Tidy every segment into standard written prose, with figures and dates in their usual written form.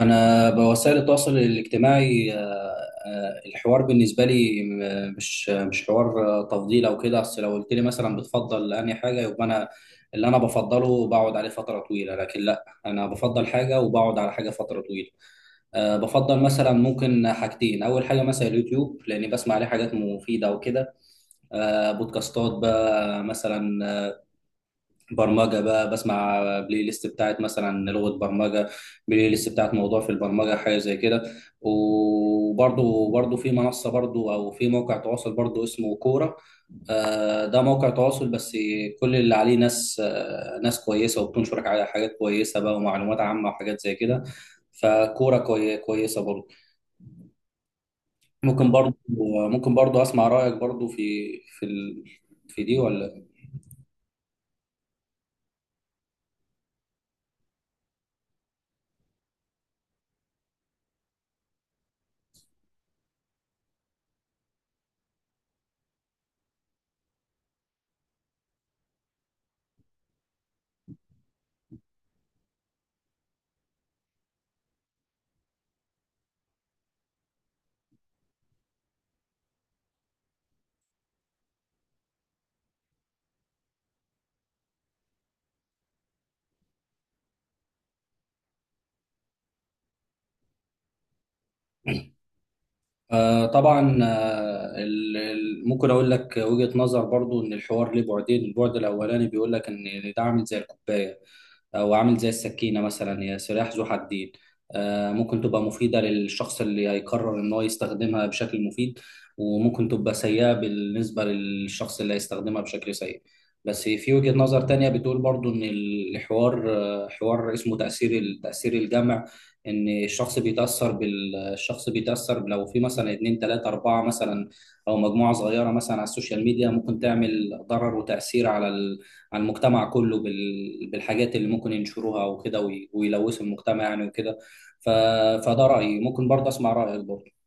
أنا بوسائل التواصل الاجتماعي، الحوار بالنسبة لي مش حوار، تفضيل أو كده. أصل لو قلت لي مثلا بتفضل أنهي حاجة، يبقى أنا اللي أنا بفضله بقعد عليه فترة طويلة. لكن لا، أنا بفضل حاجة وبقعد على حاجة فترة طويلة. بفضل مثلا ممكن حاجتين. أول حاجة مثلا اليوتيوب لأني بسمع عليه حاجات مفيدة وكده، بودكاستات بقى، مثلا برمجة بقى، بسمع بلاي ليست بتاعت مثلا لغة برمجة، بلاي ليست بتاعت موضوع في البرمجة، حاجة زي كده. وبرضو في منصة برضو، أو في موقع تواصل برضو اسمه كورة. ده موقع تواصل بس. كل اللي عليه ناس، ناس كويسة، وبتنشر على حاجات كويسة بقى، ومعلومات عامة، وحاجات زي كده. فكورة كويسة برضو. ممكن برضو ممكن برضو أسمع رأيك برضو في ال... في دي، ولا...؟ طبعا، ممكن اقول لك وجهة نظر برضو، ان الحوار ليه بعدين. البعد الاولاني بيقول لك ان ده عامل زي الكوبايه أو عامل زي السكينة مثلا، هي سلاح ذو حدين. ممكن تبقى مفيدة للشخص اللي هيقرر إن هو يستخدمها بشكل مفيد، وممكن تبقى سيئة بالنسبة للشخص اللي هيستخدمها بشكل سيء. بس في وجهة نظر تانية بتقول برضو إن الحوار آه، حوار اسمه تأثير الجمع، إن الشخص بيتأثر بالشخص. بيتأثر لو في مثلا اتنين، تلاتة، أربعة مثلا، أو مجموعة صغيرة مثلا على السوشيال ميديا، ممكن تعمل ضرر وتأثير على المجتمع كله بالحاجات اللي ممكن ينشروها وكده، ويلوثوا المجتمع يعني وكده. ف- فده رأيي. ممكن برضه أسمع رأيك برضه.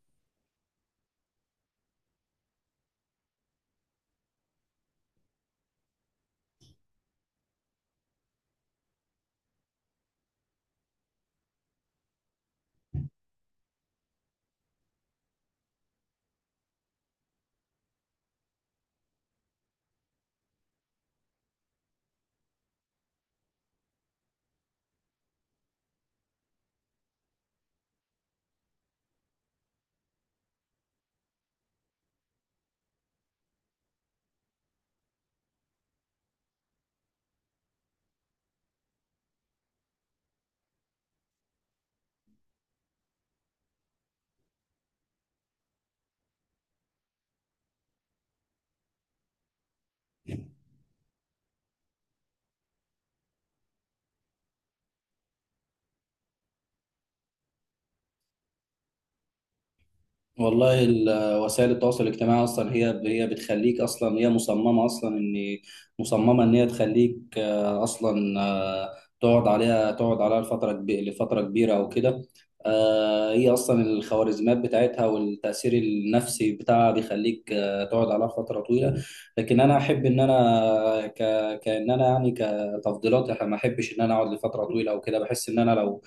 والله وسائل التواصل الاجتماعي اصلا هي بتخليك. اصلا هي مصممه ان هي تخليك، اصلا، تقعد عليها لفتره كبيره او كده. هي اصلا الخوارزميات بتاعتها والتاثير النفسي بتاعها بيخليك، تقعد عليها فتره طويله. لكن انا احب ان انا ك كان انا يعني كتفضيلات، انا ما احبش ان انا اقعد لفتره طويله او كده. بحس ان انا لو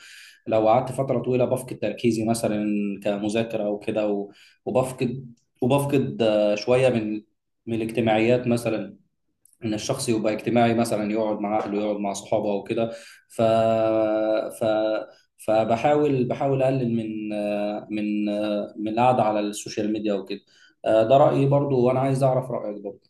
قعدت فترة طويلة بفقد تركيزي مثلا، كمذاكرة أو كده، وبفقد وبفقد شوية من الاجتماعيات مثلا، إن الشخص يبقى اجتماعي مثلا، يقعد مع أهله، يقعد مع صحابه أو كده. ف... ف... فبحاول بحاول أقلل من من القعدة على السوشيال ميديا وكده. ده رأيي برضو، وأنا عايز أعرف رأيك برضو.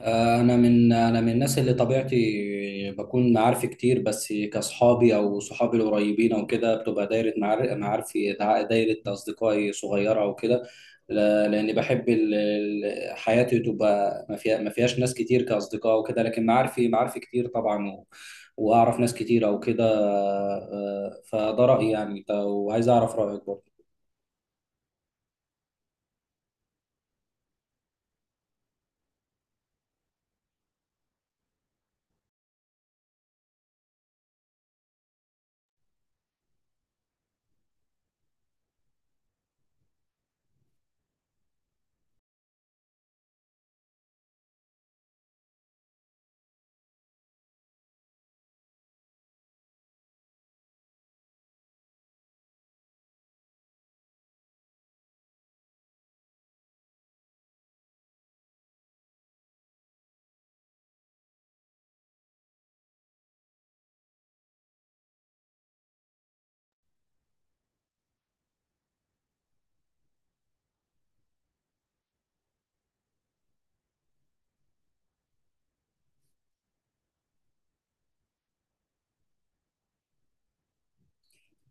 انا من الناس اللي طبيعتي بكون معارفي كتير، بس كاصحابي او صحابي القريبين او كده بتبقى دايره معار- معارفي دع- دايره اصدقائي صغيره او كده. ل- لاني بحب حياتي تبقى ما فيهاش ناس كتير كاصدقاء وكده، لكن معارفي، كتير طبعا. واعرف ناس كتير او كده. فده رايي يعني. وعايز اعرف رايك برضه.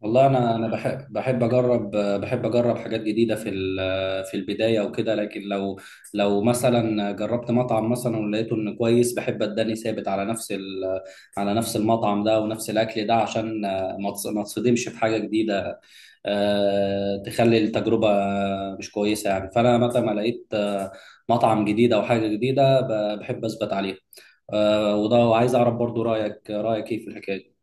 والله انا انا بحب، اجرب حاجات جديده في البدايه وكده. لكن لو مثلا جربت مطعم مثلا ولقيته انه كويس، بحب اداني ثابت على على نفس المطعم ده ونفس الاكل ده، عشان ما تصدمش في حاجه جديده، تخلي التجربه مش كويسه يعني. فانا متى ما لقيت، مطعم جديد او حاجه جديده، بحب اثبت عليه. وده. وعايز اعرف برضو رايك ايه في الحكايه.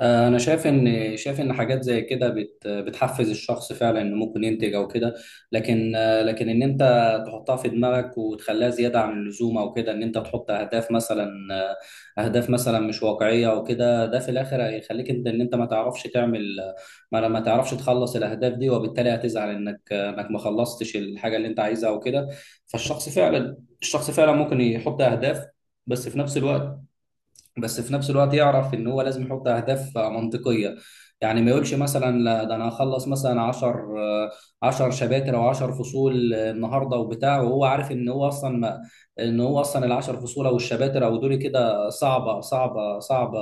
انا شايف ان حاجات زي كده بتحفز الشخص فعلا، انه ممكن ينتج او كده. لكن، لكن ان انت تحطها في دماغك وتخليها زياده عن اللزوم او كده، ان انت تحط اهداف مثلا، اهداف مثلا مش واقعيه او كده، ده في الاخر هيخليك انت ان انت ما تعرفش تعمل، ما تعرفش تخلص الاهداف دي، وبالتالي هتزعل انك، انك ما خلصتش الحاجه اللي انت عايزها او كده. فالشخص فعلا، الشخص فعلا ممكن يحط اهداف، بس في نفس الوقت، يعرف ان هو لازم يحط اهداف منطقيه. يعني ما يقولش مثلا لا، ده انا هخلص مثلا 10 شباتر او 10 فصول النهارده وبتاع، وهو عارف ان هو اصلا ما، ان هو اصلا ال 10 فصول او الشباتر او دول كده، صعبه صعبه صعبه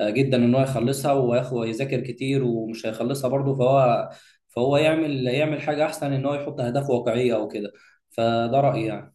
جدا ان هو يخلصها وياخد ويذاكر كتير، ومش هيخلصها برضه. فهو يعمل حاجه احسن، ان هو يحط اهداف واقعيه او كده. فده رايي يعني.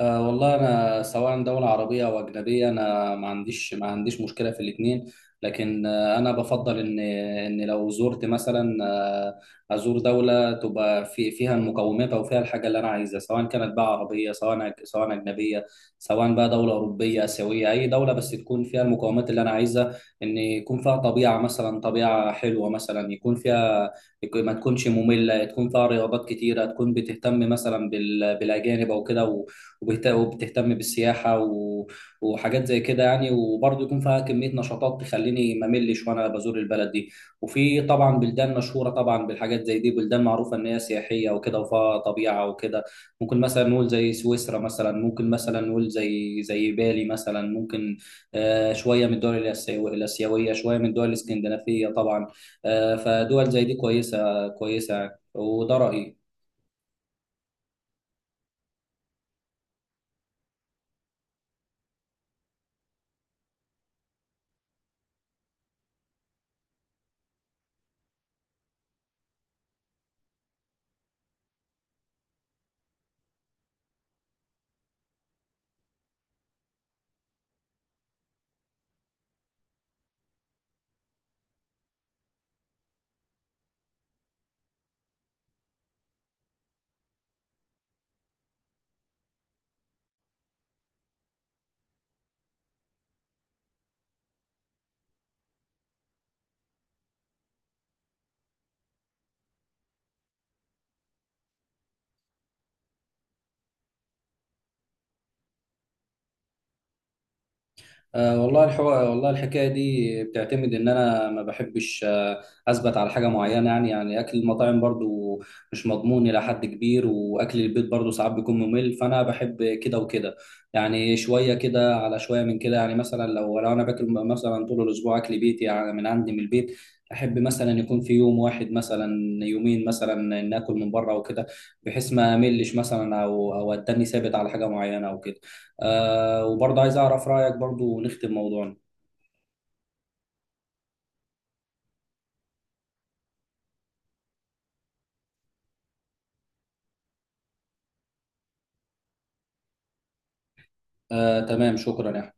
أه والله، أنا سواء دولة عربية أو أجنبية، أنا ما عنديش مشكلة في الاتنين. لكن، أنا بفضل إن لو زرت مثلا، أزور دولة تبقى فيها المقومات أو فيها الحاجة اللي أنا عايزها، سواء كانت بقى عربية، سواء سواء أجنبية، سواء بقى دولة أوروبية، آسيوية، أي دولة بس تكون فيها المقومات اللي أنا عايزها. إن يكون فيها طبيعة مثلا، طبيعة حلوة مثلا، ما تكونش مملة، تكون فيها رياضات كتيرة، تكون بتهتم مثلا بالأجانب أو كده، وبتهتم بالسياحة وحاجات زي كده يعني. وبرضه يكون فيها كمية نشاطات تخليني ما ملش وأنا بزور البلد دي. وفي طبعا بلدان مشهورة طبعا بالحاجات زي دي، بلدان معروفة إن هي سياحية وكده وفيها طبيعة وكده. ممكن مثلا نقول زي سويسرا مثلا، ممكن مثلا نقول زي بالي مثلا. ممكن، شوية من الآسيوية، شوية من الدول الإسكندنافية طبعا. فدول زي دي كويسة كويسة يعني. وده رأيي. أه والله، الحوار والله الحكايه دي بتعتمد ان انا ما بحبش، اثبت على حاجه معينه. يعني اكل المطاعم برضو مش مضمون الى حد كبير، واكل البيت برضو ساعات بيكون ممل. فانا بحب كده وكده يعني، شويه كده على شويه من كده يعني. مثلا لو انا باكل مثلا طول الاسبوع اكل بيتي يعني من عندي من البيت، احب مثلا يكون في يوم واحد مثلا، يومين مثلا، ناكل من بره وكده، بحيث ما املش مثلا، او اتني ثابت على حاجه معينه او كده. وبرضه عايز اعرف رايك برضه ونختم موضوعنا. تمام، شكرا يا أحمد.